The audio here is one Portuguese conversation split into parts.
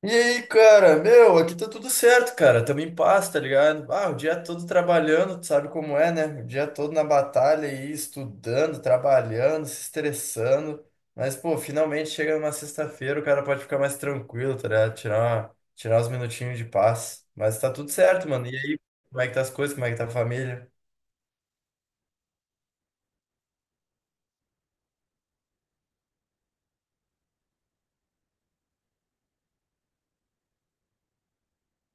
E aí, cara, meu, aqui tá tudo certo, cara. Tamo em paz, tá ligado? Ah, o dia todo trabalhando, tu sabe como é, né? O dia todo na batalha aí, estudando, trabalhando, se estressando. Mas, pô, finalmente chega numa sexta-feira, o cara pode ficar mais tranquilo, tá ligado? Tirar uns minutinhos de paz. Mas tá tudo certo, mano. E aí, como é que tá as coisas? Como é que tá a família?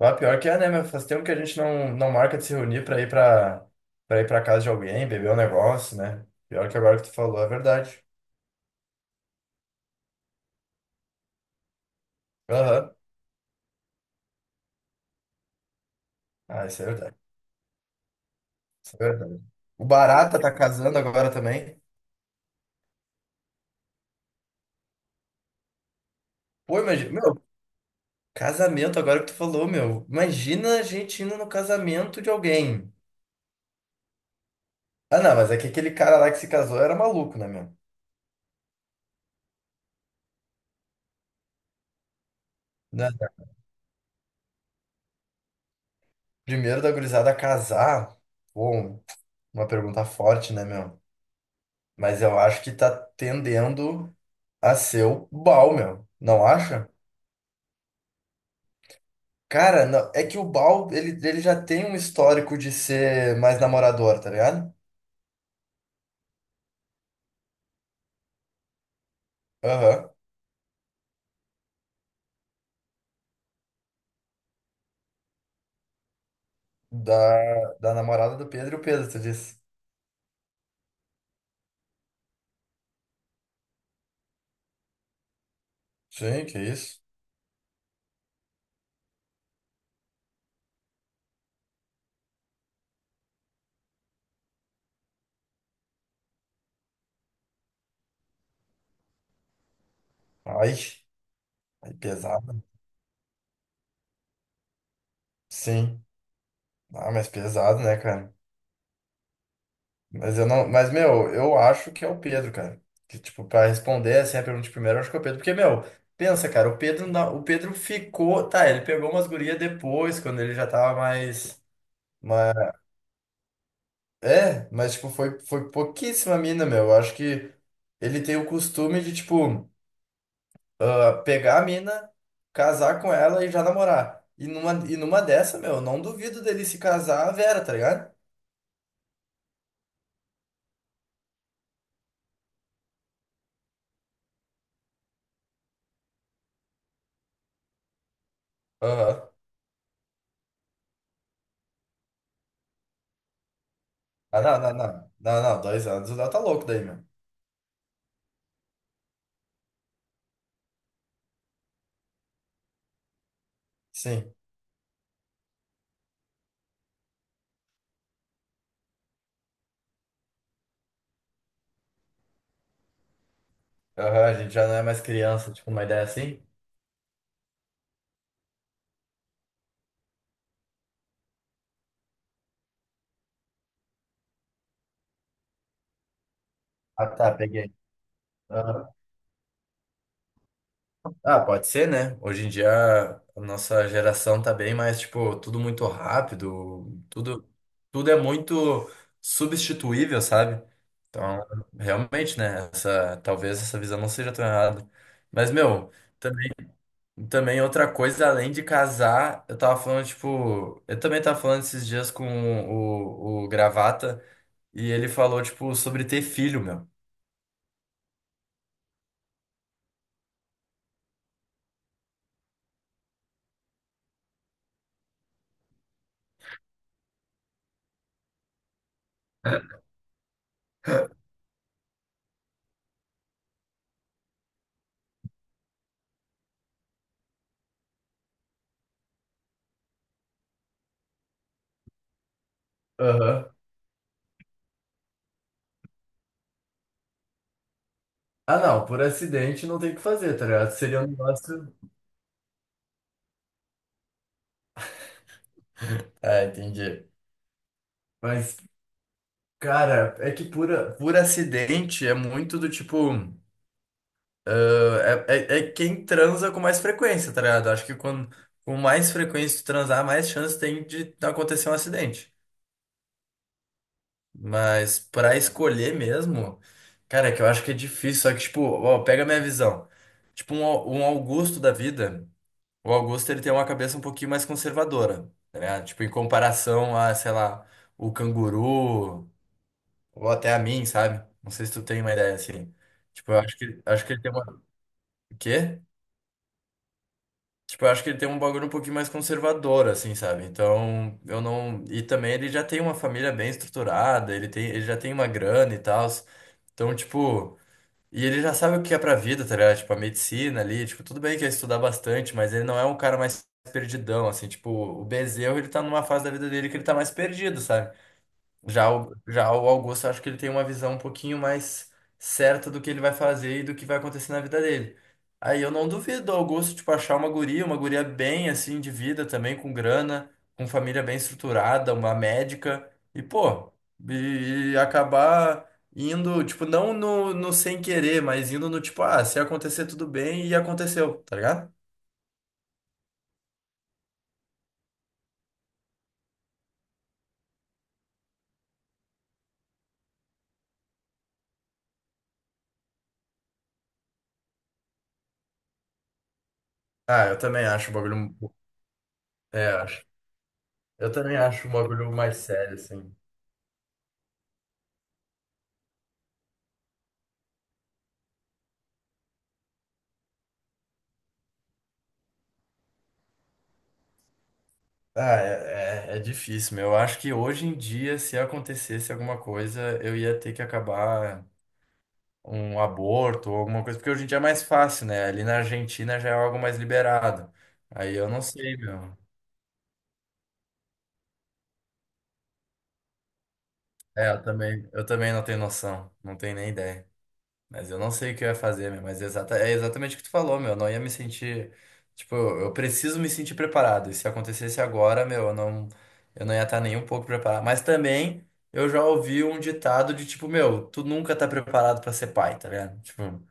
Ah, pior que é, né? Mas faz tempo que a gente não marca de se reunir pra ir pra, casa de alguém, beber um negócio, né? Pior que agora que tu falou, é verdade. Aham. Ah, isso é verdade. Isso é verdade. O Barata tá casando agora também. Pô, imagina. Meu, casamento, agora que tu falou, meu. Imagina a gente indo no casamento de alguém. Ah, não, mas é que aquele cara lá que se casou era maluco, né, meu? Né? Primeiro da gurizada casar. Bom, uma pergunta forte, né, meu? Mas eu acho que tá tendendo a ser o Bal, meu. Não acha? Cara, não- é que o Bal, ele já tem um histórico de ser mais namorador, tá ligado? Aham. Da namorada do Pedro e o Pedro, tu disse. Sim, que isso? Ai, ai, pesado. Sim. Ah, mas pesado, né, cara? Mas eu não. Mas, meu, eu acho que é o Pedro, cara. Que, tipo, pra responder assim a pergunta de primeiro, eu acho que é o Pedro. Porque, meu, pensa, cara, o Pedro, o Pedro ficou. Tá, ele pegou umas gurias depois, quando ele já tava mais. É, mas, tipo, foi pouquíssima mina, meu. Eu acho que ele tem o costume de, tipo. Ah, pegar a mina, casar com ela e já namorar. E numa dessa, meu, eu não duvido dele se casar a Vera, tá ligado? Aham. Ah, não, não, não. Não, não, dois anos o Léo tá louco daí, meu. Sim. Aham, a gente já não é mais criança, tipo, uma ideia assim. Ah, tá, peguei. Aham. Ah, pode ser, né? Hoje em dia a nossa geração tá bem mais, tipo, tudo muito rápido, tudo é muito substituível, sabe? Então, realmente, né? Essa, talvez essa visão não seja tão errada. Mas, meu, também, também outra coisa, além de casar, eu tava falando, tipo, eu também tava falando esses dias com o Gravata e ele falou, tipo, sobre ter filho, meu. Aham. Ah, não, por acidente não tem o que fazer, tá ligado? Seria um negócio. Ah, entendi. Mas, cara, é que por acidente é muito do tipo. Ah, é quem transa com mais frequência, tá ligado? Acho que quando, com mais frequência tu transar, mais chance tem de acontecer um acidente. Mas pra escolher mesmo, cara, é que eu acho que é difícil. Só que, tipo, ó, pega a minha visão. Tipo, um Augusto da vida, o Augusto ele tem uma cabeça um pouquinho mais conservadora, tá ligado? Tipo, em comparação a, sei lá, o canguru. Ou até a mim, sabe? Não sei se tu tem uma ideia assim. Tipo, eu acho que ele tem uma. O quê? Tipo, eu acho que ele tem um bagulho um pouquinho mais conservador, assim, sabe? Então, eu não. E também ele já tem uma família bem estruturada, ele tem, ele já tem uma grana e tal. Então, tipo. E ele já sabe o que é pra vida, tá ligado? Tipo, a medicina ali, tipo, tudo bem que é estudar bastante, mas ele não é um cara mais perdidão, assim, tipo, o Bezerro, ele tá numa fase da vida dele que ele tá mais perdido, sabe? Já o Augusto, acho que ele tem uma visão um pouquinho mais certa do que ele vai fazer e do que vai acontecer na vida dele. Aí eu não duvido do Augusto, tipo, achar uma guria bem, assim, de vida também, com grana, com família bem estruturada, uma médica, e, pô, e acabar indo, tipo, não no sem querer, mas indo no tipo, ah, se acontecer tudo bem, e aconteceu, tá ligado? Ah, eu também acho o bagulho. É, acho. Eu também acho o bagulho mais sério, assim. Ah, é difícil, meu. Eu acho que hoje em dia, se acontecesse alguma coisa, eu ia ter que acabar um aborto ou alguma coisa, porque hoje em dia é mais fácil, né? Ali na Argentina já é algo mais liberado. Aí eu não sei, meu. É, eu também não tenho noção, não tenho nem ideia. Mas eu não sei o que eu ia fazer, meu, mas é, exata, é exatamente o que tu falou, meu. Eu não ia me sentir. Tipo, eu preciso me sentir preparado. E se acontecesse agora, meu, eu não ia estar nem um pouco preparado. Mas também eu já ouvi um ditado de tipo, meu, tu nunca tá preparado pra ser pai, tá ligado? Tipo,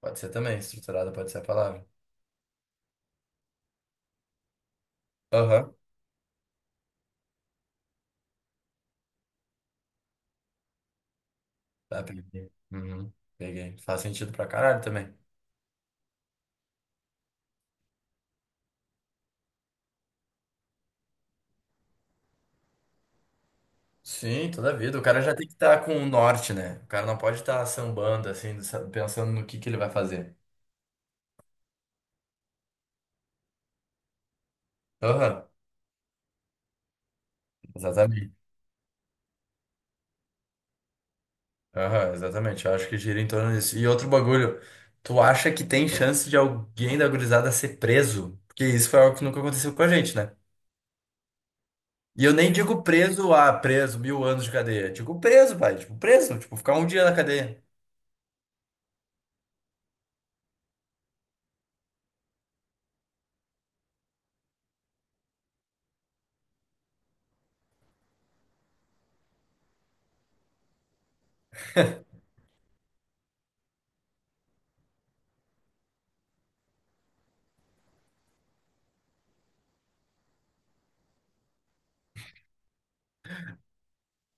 pode ser também, estruturado pode ser a palavra. Aham. Tá, peguei. Uhum, peguei. Faz sentido pra caralho também. Sim, toda vida. O cara já tem que estar com o norte, né? O cara não pode estar sambando, assim, pensando no que ele vai fazer. Aham. Exatamente. Aham, exatamente. Eu acho que gira em torno disso. E outro bagulho, tu acha que tem chance de alguém da gurizada ser preso? Porque isso foi algo que nunca aconteceu com a gente, né? E eu nem digo preso, ah, preso, mil anos de cadeia. Digo preso, pai. Tipo, preso. Tipo, ficar um dia na cadeia.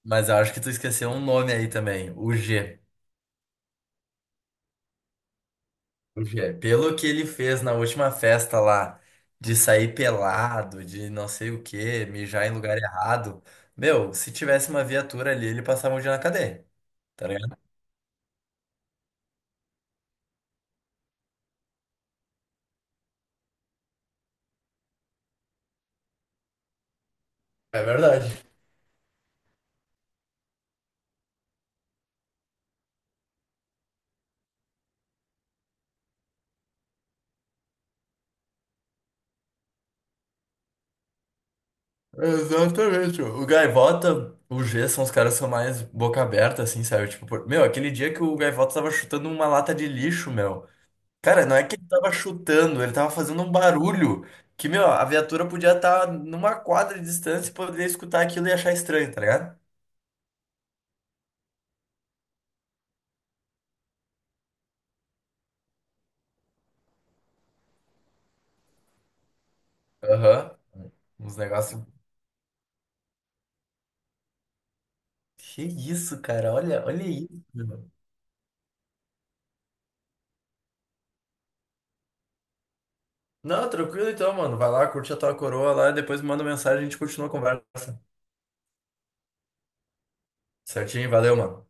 Mas eu acho que tu esqueceu um nome aí também, o G. O G. Pelo que ele fez na última festa lá, de sair pelado, de não sei o quê, mijar em lugar errado. Meu, se tivesse uma viatura ali, ele passava um dia na cadeia. Tá. É verdade. Exatamente. O Gaivota, o G são os caras que são mais boca aberta, assim, sabe? Tipo, meu, aquele dia que o Gaivota tava chutando uma lata de lixo, meu. Cara, não é que ele tava chutando, ele tava fazendo um barulho que, meu, a viatura podia estar numa quadra de distância e poderia escutar aquilo e achar estranho, tá ligado? Aham. Uns negócios. Que isso, cara? Olha, olha isso, meu. Não, tranquilo então, mano. Vai lá, curte a tua coroa lá e depois me manda mensagem e a gente continua a conversa. Certinho? Valeu, mano.